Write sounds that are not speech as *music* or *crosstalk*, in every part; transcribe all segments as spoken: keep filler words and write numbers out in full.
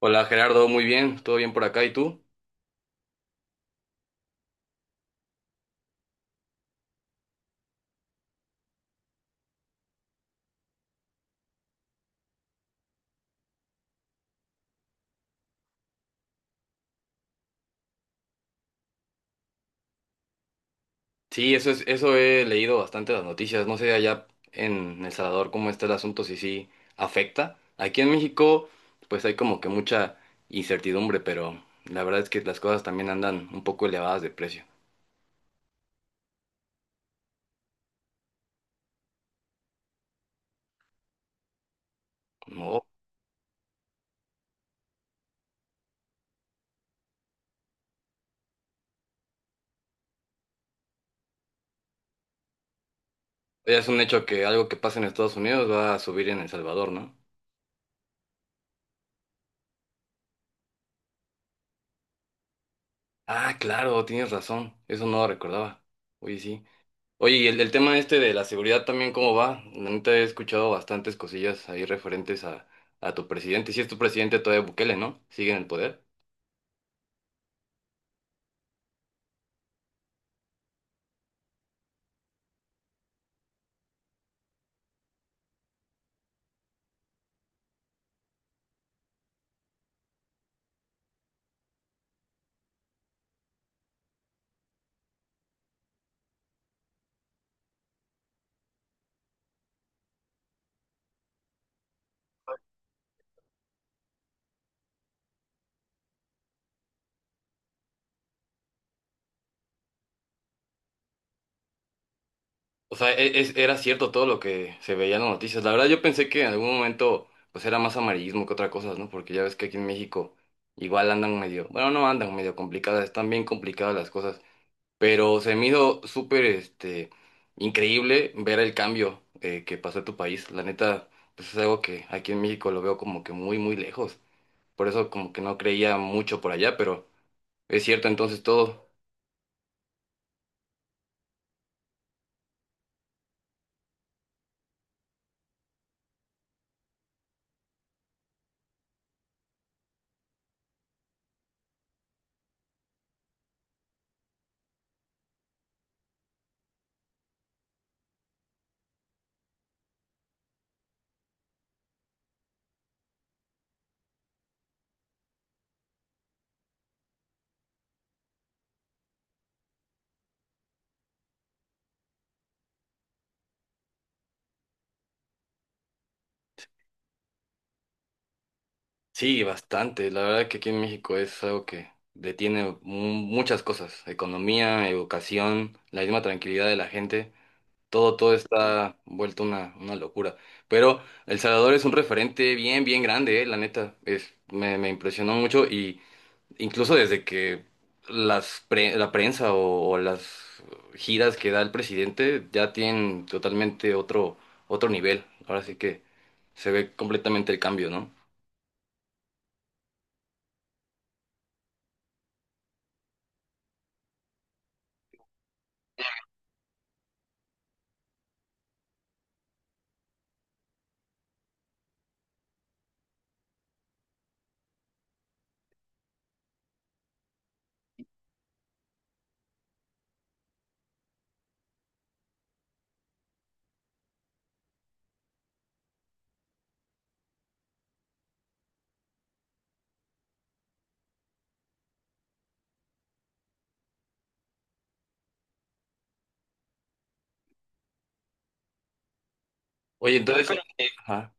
Hola Gerardo, muy bien, todo bien por acá, ¿y tú? Sí, eso es, eso he leído bastante las noticias, no sé allá en El Salvador cómo está el asunto, si sí afecta. Aquí en México, pues hay como que mucha incertidumbre, pero la verdad es que las cosas también andan un poco elevadas de precio. No, ya es un hecho que algo que pasa en Estados Unidos va a subir en El Salvador, ¿no? Ah, claro, tienes razón, eso no lo recordaba. Oye, sí. Oye, y el, el tema este de la seguridad también, ¿cómo va? La neta he escuchado bastantes cosillas ahí referentes a, a tu presidente. Si es tu presidente todavía Bukele, ¿no? Sigue en el poder. O sea, e- es- era cierto todo lo que se veía en las noticias. La verdad yo pensé que en algún momento pues era más amarillismo que otra cosa, ¿no? Porque ya ves que aquí en México igual andan medio, bueno, no andan medio complicadas, están bien complicadas las cosas. Pero se me hizo súper este, increíble ver el cambio eh, que pasó en tu país. La neta, pues es algo que aquí en México lo veo como que muy, muy lejos. Por eso como que no creía mucho por allá, pero es cierto entonces todo. Sí, bastante. La verdad que aquí en México es algo que detiene mu- muchas cosas. Economía, educación, la misma tranquilidad de la gente. Todo, todo está vuelto una, una locura. Pero El Salvador es un referente bien, bien grande, eh, la neta. Es, me, me impresionó mucho y incluso desde que las pre- la prensa o, o las giras que da el presidente ya tienen totalmente otro, otro nivel. Ahora sí que se ve completamente el cambio, ¿no? Oye, entonces, eh, ajá.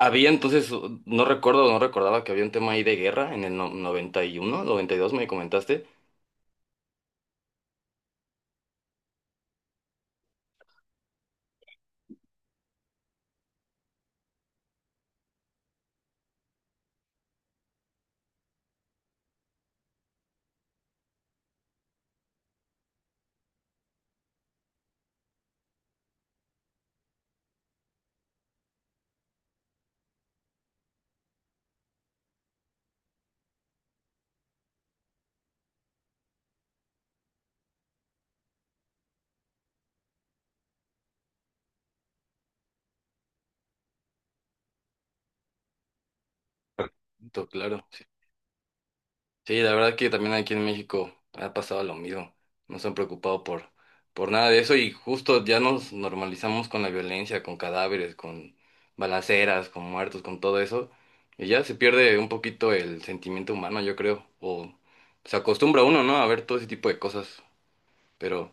Había entonces, uh, no recuerdo, no recordaba que había un tema ahí de guerra en el no- noventa y uno, noventa y dos me comentaste. Tú, claro. Sí, la verdad que también aquí en México ha pasado lo mismo. No se han preocupado por, por nada de eso y justo ya nos normalizamos con la violencia, con cadáveres, con balaceras, con muertos, con todo eso. Y ya se pierde un poquito el sentimiento humano, yo creo. O se acostumbra uno, ¿no? A ver todo ese tipo de cosas. Pero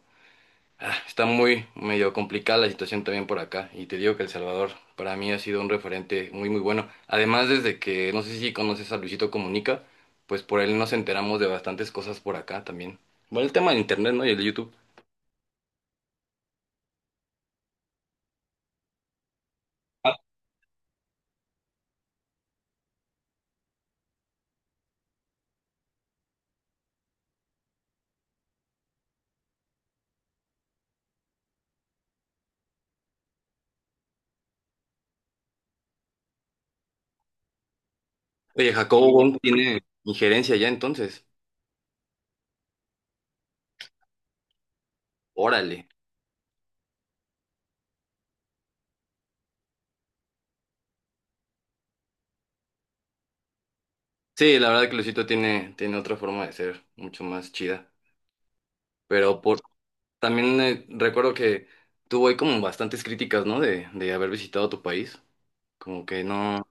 ah, está muy medio complicada la situación también por acá y te digo que El Salvador para mí ha sido un referente muy muy bueno. Además desde que no sé si conoces a Luisito Comunica, pues por él nos enteramos de bastantes cosas por acá también. Bueno, el tema del internet, ¿no? Y el de YouTube. Ah, oye, Jacobo Wong tiene injerencia ya entonces. Órale. Sí, la verdad que Luisito tiene, tiene otra forma de ser, mucho más chida. Pero por también eh, recuerdo que tuvo ahí como bastantes críticas, ¿no? De, de haber visitado tu país. Como que no.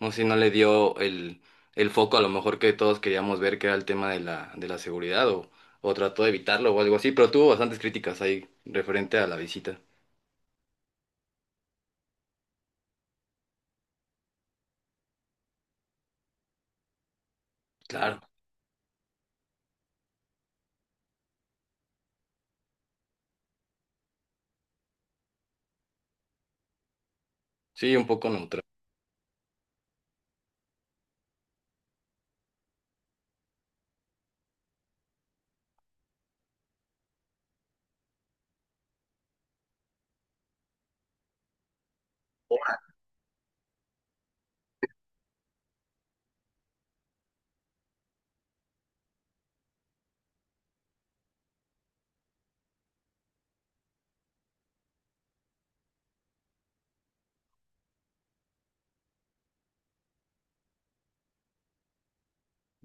No sé si no le dio el, el foco a lo mejor que todos queríamos ver, que era el tema de la, de la seguridad, o, o trató de evitarlo o algo así, pero tuvo bastantes críticas ahí referente a la visita. Claro, sí, un poco neutral.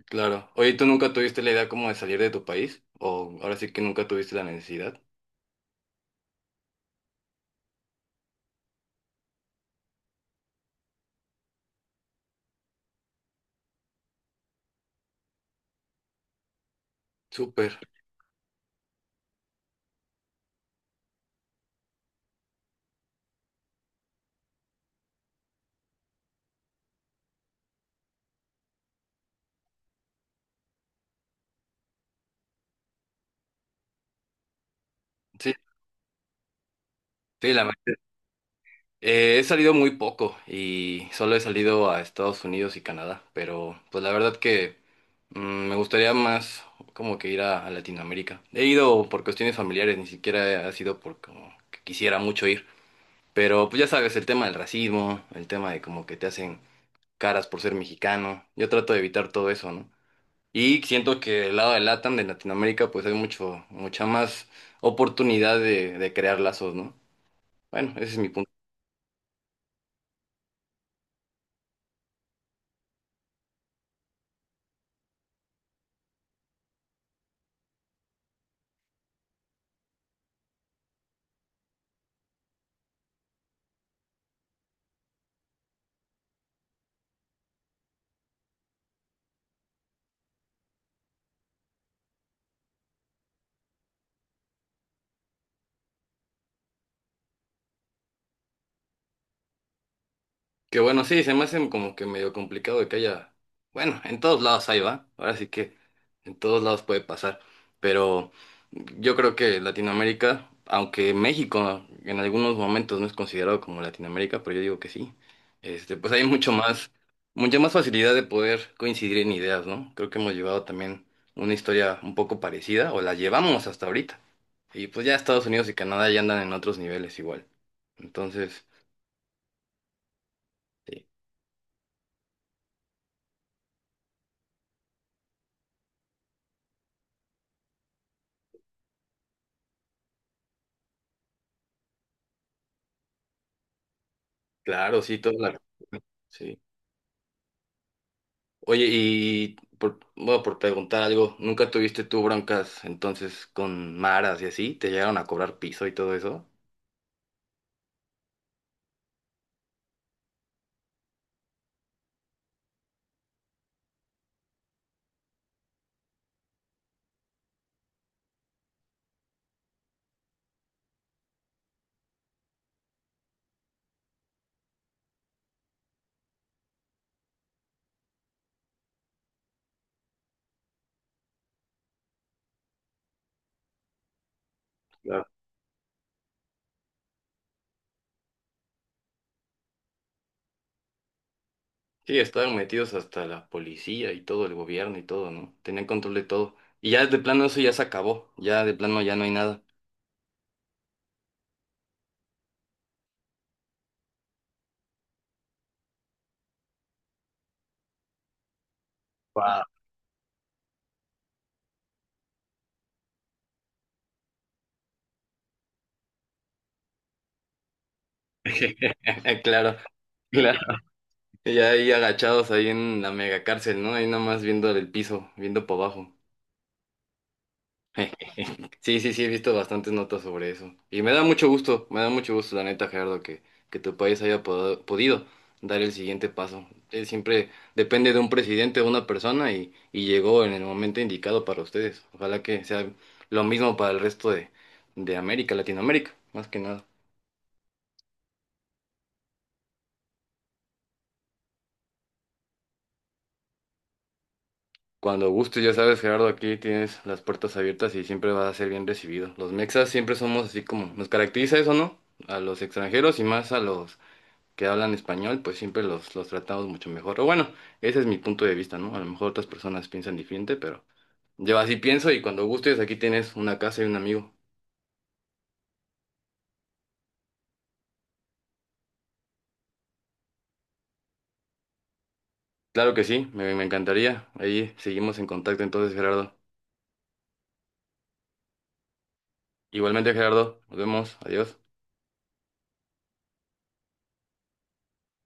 Claro. Oye, ¿tú nunca tuviste la idea como de salir de tu país? ¿O ahora sí que nunca tuviste la necesidad? Súper. Sí, sí, la verdad. Eh, he salido muy poco y solo he salido a Estados Unidos y Canadá, pero pues la verdad que mm, me gustaría más como que ir a, a Latinoamérica. He ido por cuestiones familiares, ni siquiera ha sido por como que quisiera mucho ir, pero pues ya sabes, el tema del racismo, el tema de como que te hacen caras por ser mexicano, yo trato de evitar todo eso, ¿no? Y siento que el lado de LATAM, de Latinoamérica, pues hay mucho, mucha más oportunidad de, de crear lazos, ¿no? Bueno, ese es mi punto. Que bueno, sí, se me hace como que medio complicado de que haya. Bueno, en todos lados hay, va. Ahora sí que en todos lados puede pasar. Pero yo creo que Latinoamérica, aunque México en algunos momentos no es considerado como Latinoamérica, pero yo digo que sí. Este, pues hay mucho más, mucha más facilidad de poder coincidir en ideas, ¿no? Creo que hemos llevado también una historia un poco parecida, o la llevamos hasta ahorita. Y pues ya Estados Unidos y Canadá ya andan en otros niveles igual. Entonces, sí, claro, sí, toda la. Sí. Oye, y por, bueno, por preguntar algo, ¿nunca tuviste tú broncas entonces con maras y así? ¿Te llegaron a cobrar piso y todo eso? Claro. Sí, estaban metidos hasta la policía y todo, el gobierno y todo, ¿no? Tenían control de todo. Y ya de plano eso ya se acabó, ya de plano ya no hay nada. Wow. *laughs* Claro, claro. Ya ahí agachados ahí en la mega cárcel, ¿no? Ahí nada más viendo el piso, viendo para abajo. *laughs* Sí, sí, sí, he visto bastantes notas sobre eso. Y me da mucho gusto, me da mucho gusto, la neta, Gerardo, que, que tu país haya poda- podido dar el siguiente paso. Él siempre depende de un presidente o una persona y, y llegó en el momento indicado para ustedes. Ojalá que sea lo mismo para el resto de, de América, Latinoamérica, más que nada. Cuando gustes, ya sabes, Gerardo, aquí tienes las puertas abiertas y siempre vas a ser bien recibido. Los mexas siempre somos así como, nos caracteriza eso, ¿no? A los extranjeros y más a los que hablan español, pues siempre los, los tratamos mucho mejor. O bueno, ese es mi punto de vista, ¿no? A lo mejor otras personas piensan diferente, pero yo así pienso y cuando gustes aquí tienes una casa y un amigo. Claro que sí, me, me encantaría. Ahí seguimos en contacto entonces, Gerardo. Igualmente, Gerardo, nos vemos, adiós.